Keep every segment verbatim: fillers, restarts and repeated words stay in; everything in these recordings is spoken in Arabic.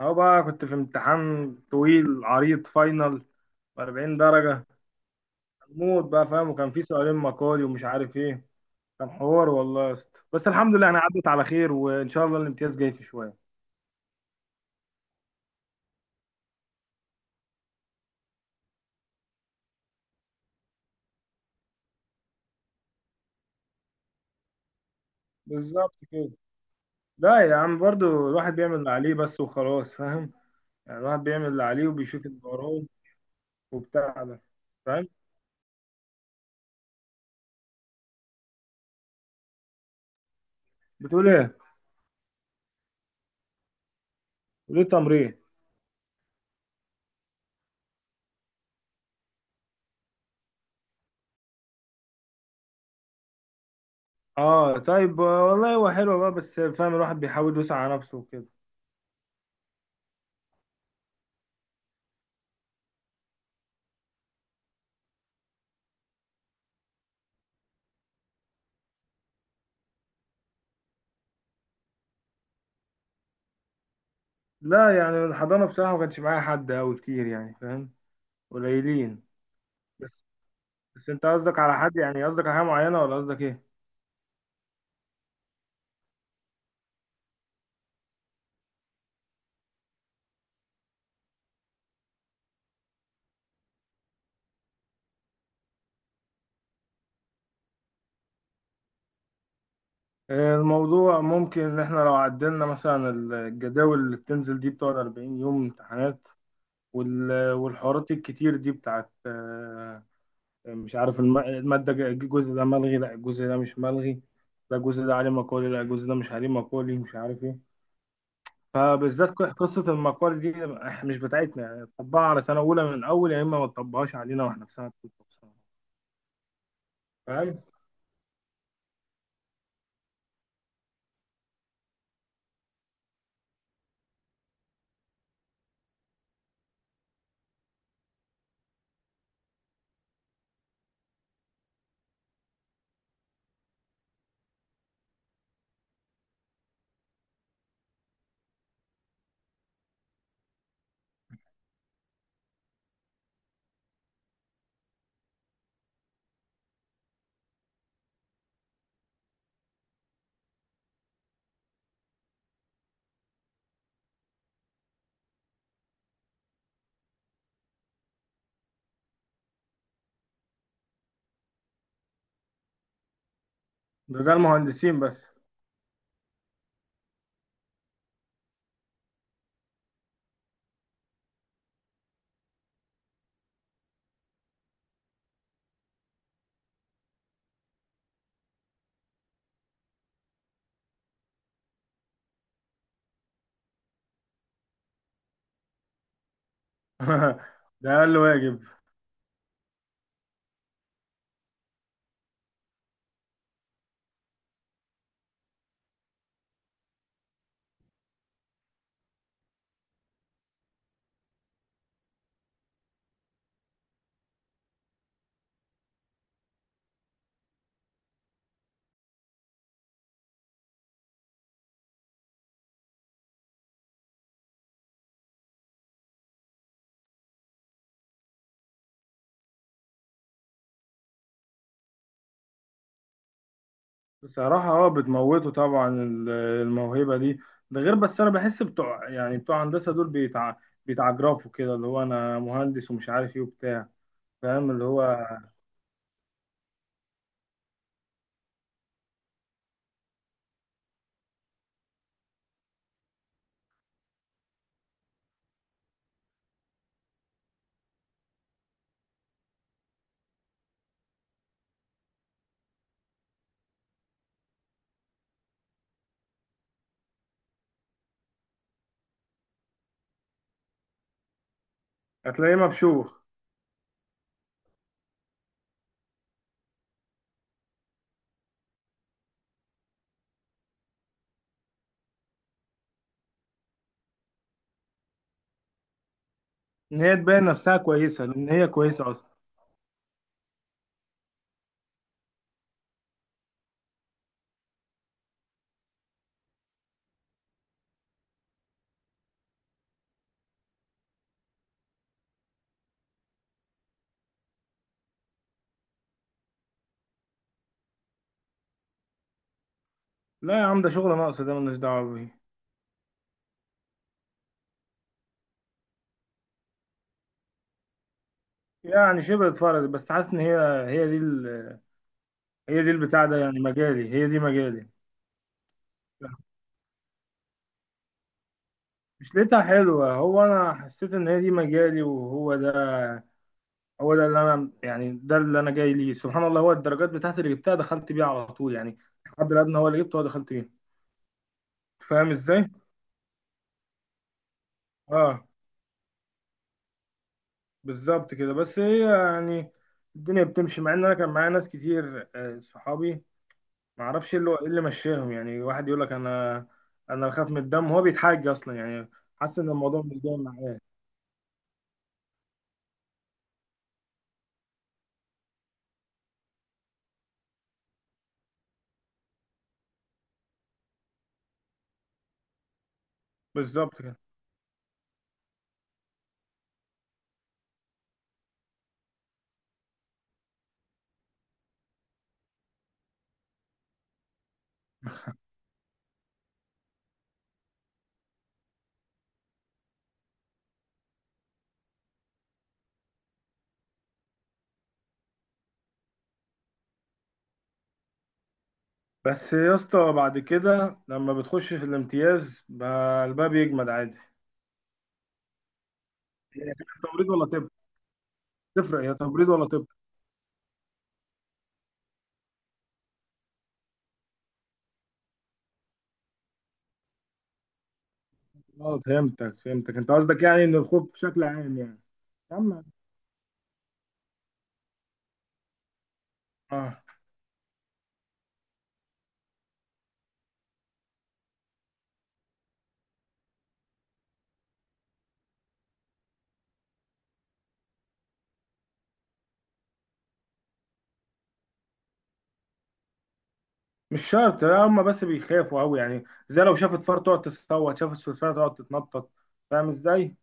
اهو بقى كنت في امتحان طويل عريض فاينل أربعين درجة موت بقى، فاهم. وكان في سؤالين مقالي ومش عارف ايه. كان حوار والله يا اسطى، بس الحمد لله انا عدت على خير، وان شاء الله الامتياز جاي في شوية. بالظبط كده. لا يا عم، برضو الواحد بيعمل اللي عليه بس وخلاص، فاهم. يعني الواحد بيعمل اللي عليه وبيشوف اللي وراه وبتاع ده، فاهم. بتقول ايه. بتقول ايه؟ تمرين. اه طيب والله هو حلو بقى، بس فاهم الواحد بيحاول يوسع على نفسه وكده. لا يعني الحضانة بصراحة ما كانش معايا حد أوي كتير، يعني فاهم. قليلين. بس بس أنت قصدك على حد؟ يعني قصدك على حاجة معينة ولا قصدك إيه؟ آه، الموضوع ممكن إن إحنا لو عدلنا مثلا الجداول اللي بتنزل دي بتقعد أربعين يوم امتحانات. وال- والحوارات الكتير دي بتاعت آه، مش عارف الم- المادة ج- الجزء ده ملغي، لا الجزء ده مش ملغي، لا الجزء ده عليه مقالي، لا الجزء ده مش عليه مقالي، مش عارف إيه. فبالذات ق- قصة المقال دي إح- مش بتاعتنا، يعني طبقها على سنة أولى من الأول، يا إما ما تطبقهاش علينا وإحنا في سنة تالتة وسنة. فاهم؟ ده ده المهندسين بس. ده أقل واجب. بصراحة أه، بتموتوا طبعا ال- الموهبة دي. ده غير، بس أنا بحس بتوع، يعني بتوع هندسة دول بيتع... بيتعجرفوا كده، اللي هو أنا مهندس ومش عارف إيه وبتاع. فاهم اللي هو هتلاقيه مبشوخ. إن هي تبين نفسها كويسة لأن هي كويسة أصلا. لا يا عم، ده شغل ناقص، ده ملناش دعوة بيه. يعني شبه اتفرجت، بس حاسس ان هي هي دي ال... هي دي البتاع ده، يعني مجالي. هي دي مجالي. مش لقيتها حلوة، هو انا حسيت ان هي دي مجالي، وهو ده هو ده اللي انا، يعني ده اللي انا جاي ليه. سبحان الله، هو الدرجات بتاعتي اللي جبتها دخلت بيها على طول يعني. الحد الادنى هو اللي جبته هو دخلت بيه. فاهم ازاي. اه. بالظبط كده، بس هي يعني الدنيا بتمشي مع ان انا كان معايا ناس كتير آه، صحابي. ما اعرفش ايه اللي إيه اللي مشاهم يعني واحد يقول لك انا انا بخاف من الدم، هو بيتحاج اصلا يعني. حاسس ان الموضوع مش جاي معاه. بالظبط كده. بس يا اسطى بعد كده لما بتخش في الامتياز بقى الباب يجمد عادي. هي تمريض ولا طب؟ تفرق هي تمريض ولا طب؟ اه فهمتك فهمتك، انت قصدك يعني ان الخوف بشكل عام يعني. اما. اه. مش شرط، هم بس بيخافوا قوي يعني. زي لو شافت فار تقعد تصوت، شافت سلسله تقعد تتنطط. فاهم ازاي.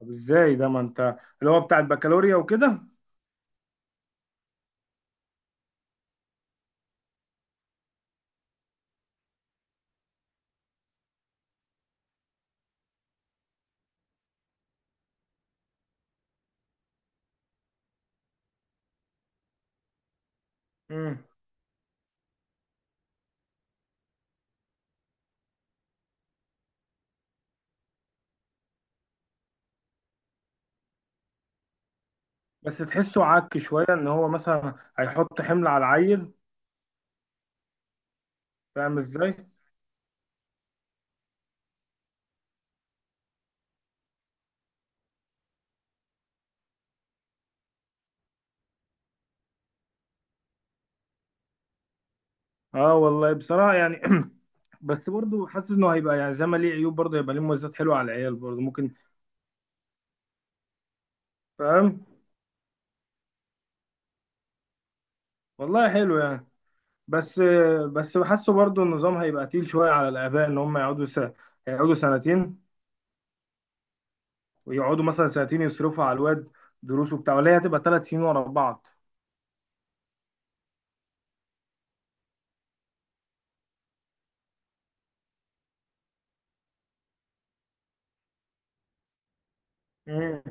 طب ازاي ده؟ ما انت اللي هو بتاع البكالوريا وكده. مم. بس تحسه عك شوية ان هو مثلا هيحط حمل على العيل. فاهم ازاي. اه والله بصراحة يعني بس برضه حاسس انه هيبقى، يعني زي ما ليه عيوب برضه هيبقى ليه مميزات حلوه على العيال برضه ممكن. فاهم. والله حلو يعني. بس. بس بحسه برضه النظام هيبقى تقيل شويه على الاباء، ان هم يقعدوا س... يقعدوا سنتين. ويقعدوا مثلا سنتين يصرفوا على الواد دروس وبتاع، ولا هي هتبقى ثلاث سنين ورا بعض. امم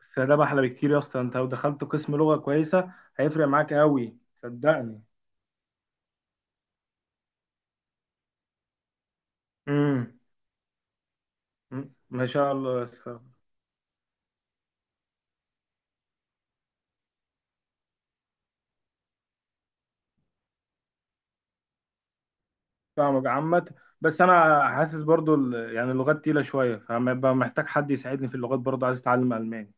بس ده احلى بكتير يا اسطى، انت لو دخلت قسم لغه كويسه هيفرق معاك قوي صدقني. امم ما شاء الله يس- فاهمك عامة. بس انا حاسس برضو ال- يعني اللغات تقيلة شوية، فهبقى محتاج حد يساعدني في اللغات، برضو عايز اتعلم الماني.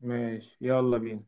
ماشي يلا بينا.